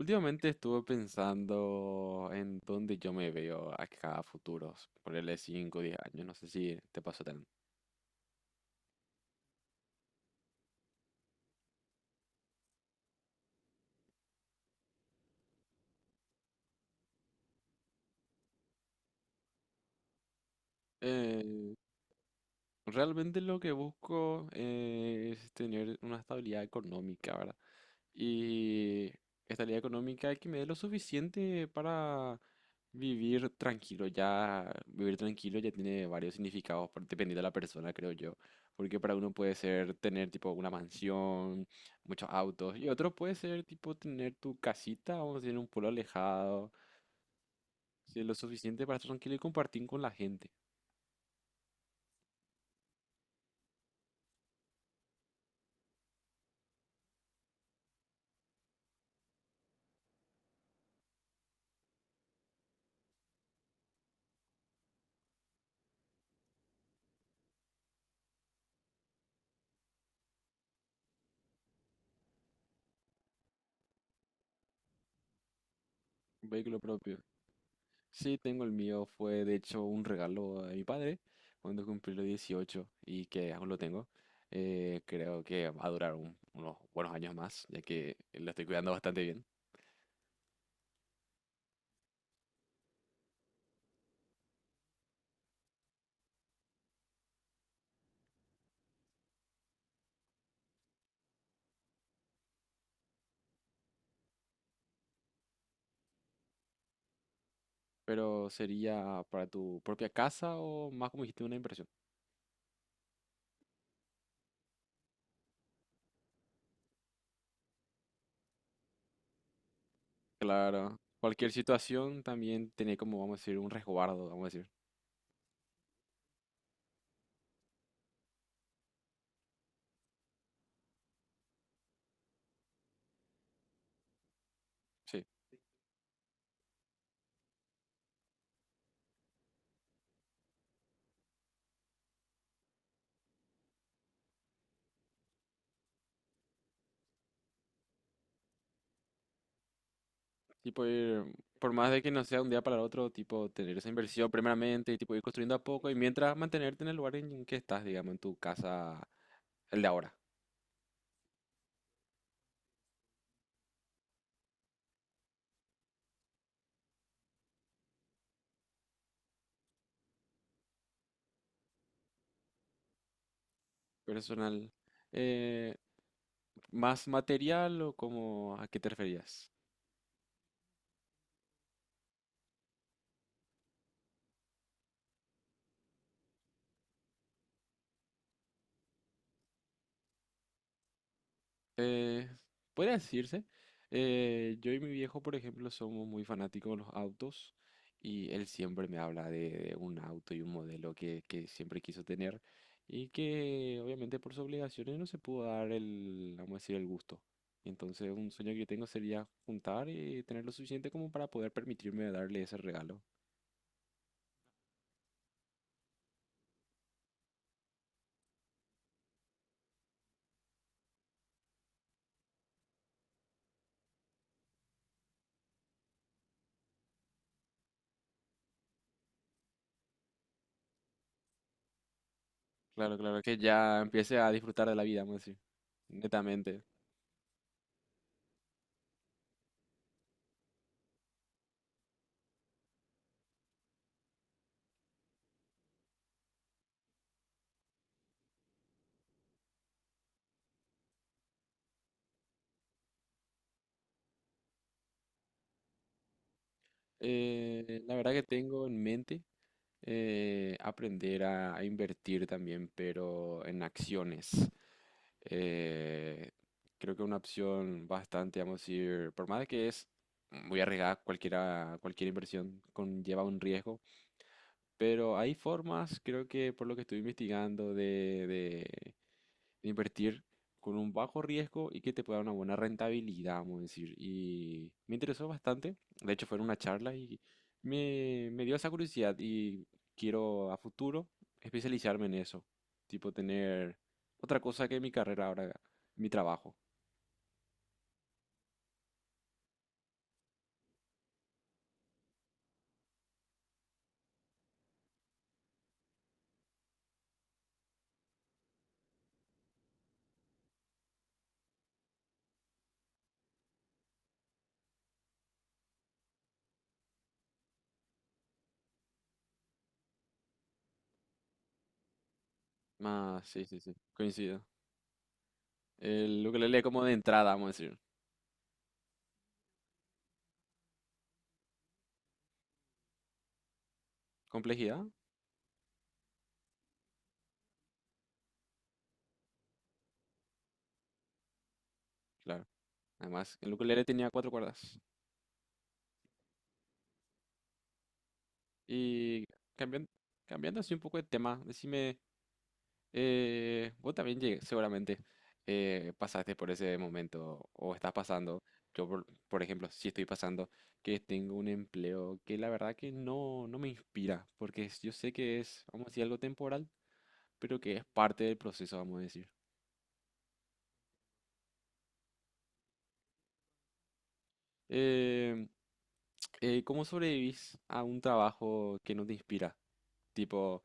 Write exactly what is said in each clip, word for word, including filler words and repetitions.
Últimamente estuve pensando en dónde yo me veo acá a futuros, ponerle cinco o diez años, no sé si te pasó tan. Eh, Realmente lo que busco eh, es tener una estabilidad económica, ¿verdad? Y estabilidad económica que me dé lo suficiente para vivir tranquilo. Ya vivir tranquilo ya tiene varios significados por- dependiendo de la persona, creo yo. Porque para uno puede ser tener tipo una mansión, muchos autos, y otro puede ser tipo tener tu casita, vamos a decir, en un pueblo alejado, ser lo suficiente para estar tranquilo y compartir con la gente, un vehículo propio. Sí, tengo el mío. Fue de hecho un regalo de mi padre cuando cumplí los dieciocho y que aún lo tengo. Eh, creo que va a durar un- unos buenos años más, ya que lo estoy cuidando bastante bien. Pero sería para tu propia casa o más como dijiste, una inversión. Claro, cualquier situación también tiene como, vamos a decir, un resguardo, vamos a decir. Sí, tipo ir, por más de que no sea un día para el otro, tipo tener esa inversión primeramente y tipo ir construyendo a poco y mientras mantenerte en el lugar en que estás, digamos, en tu casa, el de ahora. Personal. eh, ¿más material o cómo a qué te referías? Eh, Podría decirse. Eh, yo y mi viejo, por ejemplo, somos muy fanáticos de los autos y él siempre me habla de, de un auto y un modelo que, que siempre quiso tener y que obviamente por sus obligaciones no se pudo dar el, vamos a decir, el gusto. Entonces, un sueño que yo tengo sería juntar y tener lo suficiente como para poder permitirme darle ese regalo. Claro, claro, que ya empiece a disfrutar de la vida, vamos a decir, netamente. Eh, la verdad que tengo en mente eh, aprender a, a invertir también, pero en acciones. Eh, Creo que una opción bastante, vamos a decir, por más de que es muy arriesgada, cualquiera, cualquier inversión conlleva un riesgo, pero hay formas, creo que por lo que estoy investigando, de invertir con un bajo riesgo y que te pueda dar una buena rentabilidad, vamos a decir. Y me interesó bastante. De hecho, fue en una charla y me, me dio esa curiosidad y quiero a futuro especializarme en eso. Tipo, tener otra cosa que mi carrera ahora, mi trabajo. Ah, sí, sí, sí, coincido. El ukelele como de entrada, vamos a decir. Complejidad, claro. Además, el ukelele tenía cuatro cuerdas. Y cambiando, cambiando así un poco de tema, decime, Eh, vos también llegué- seguramente eh, pasaste por ese momento o estás pasando. Yo, por, por ejemplo, sí estoy pasando que tengo un empleo que la verdad que no, no me inspira, porque es- yo sé que es, vamos a decir, algo temporal, pero que es parte del proceso, vamos a decir. Em, eh, ¿cómo sobrevivís a un trabajo que no te inspira? Tipo,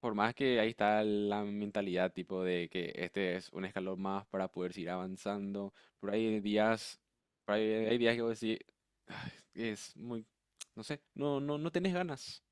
por más que ahí está la mentalidad tipo de que este es un escalón más para poder seguir avanzando, pero hay días, por ahí hay días que vos decís, "Ay, es muy, no sé, no, no, no tenés ganas.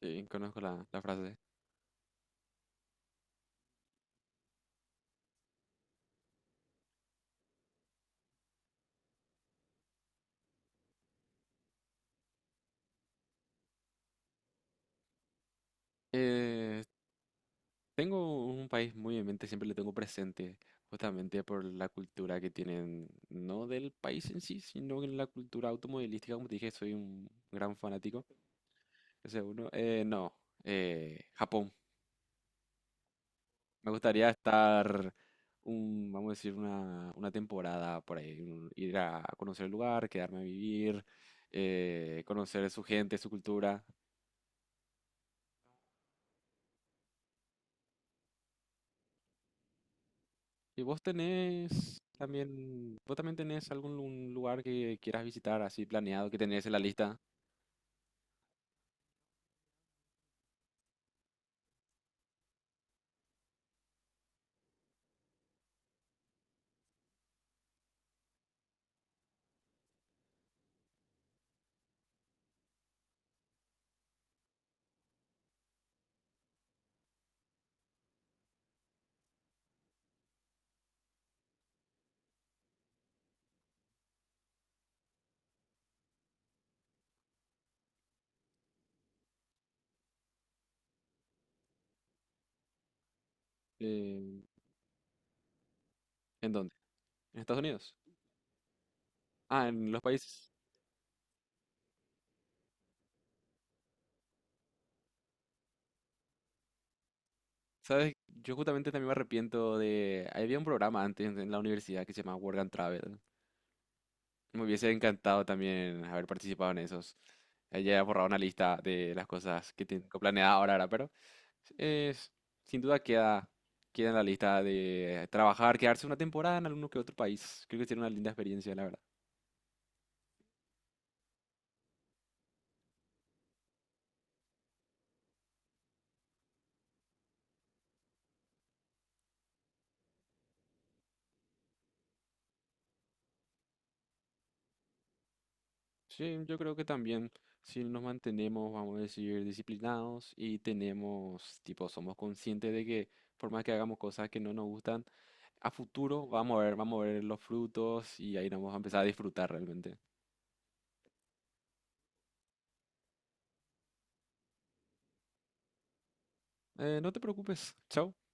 Sí, conozco la, la frase. Eh, Tengo un país muy en mente, siempre le tengo presente, justamente por la cultura que tienen, no del país en sí, sino en la cultura automovilística, como te dije, soy un gran fanático, ese uno. Eh, no, eh, Japón. Me gustaría estar, un, vamos a decir, una, una temporada por ahí, un- ir a conocer el lugar, quedarme a vivir, eh, conocer su gente, su cultura. ¿Y vos tenés también, vos también tenés algún lu- lugar que quieras visitar así planeado, que tenés en la lista? Eh, ¿En dónde? ¿En Estados Unidos? Ah, en los países. ¿Sabes? Yo justamente también me arrepiento de... Había un programa antes en en la universidad que se llamaba Work and Travel. Me hubiese encantado también haber participado en esos. Eh, Ya he borrado una lista de las cosas que tengo planeada ahora, ahora, pero es- sin duda queda, queda en la lista de trabajar, quedarse una temporada en alguno que otro país. Creo que sería una linda experiencia, la verdad. Sí, yo creo que también si nos mantenemos, vamos a decir, disciplinados y tenemos, tipo, somos conscientes de que por más que hagamos cosas que no nos gustan, a futuro vamos a ver, vamos a ver los frutos y ahí nos vamos a empezar a disfrutar realmente. Eh, no te preocupes. Chao.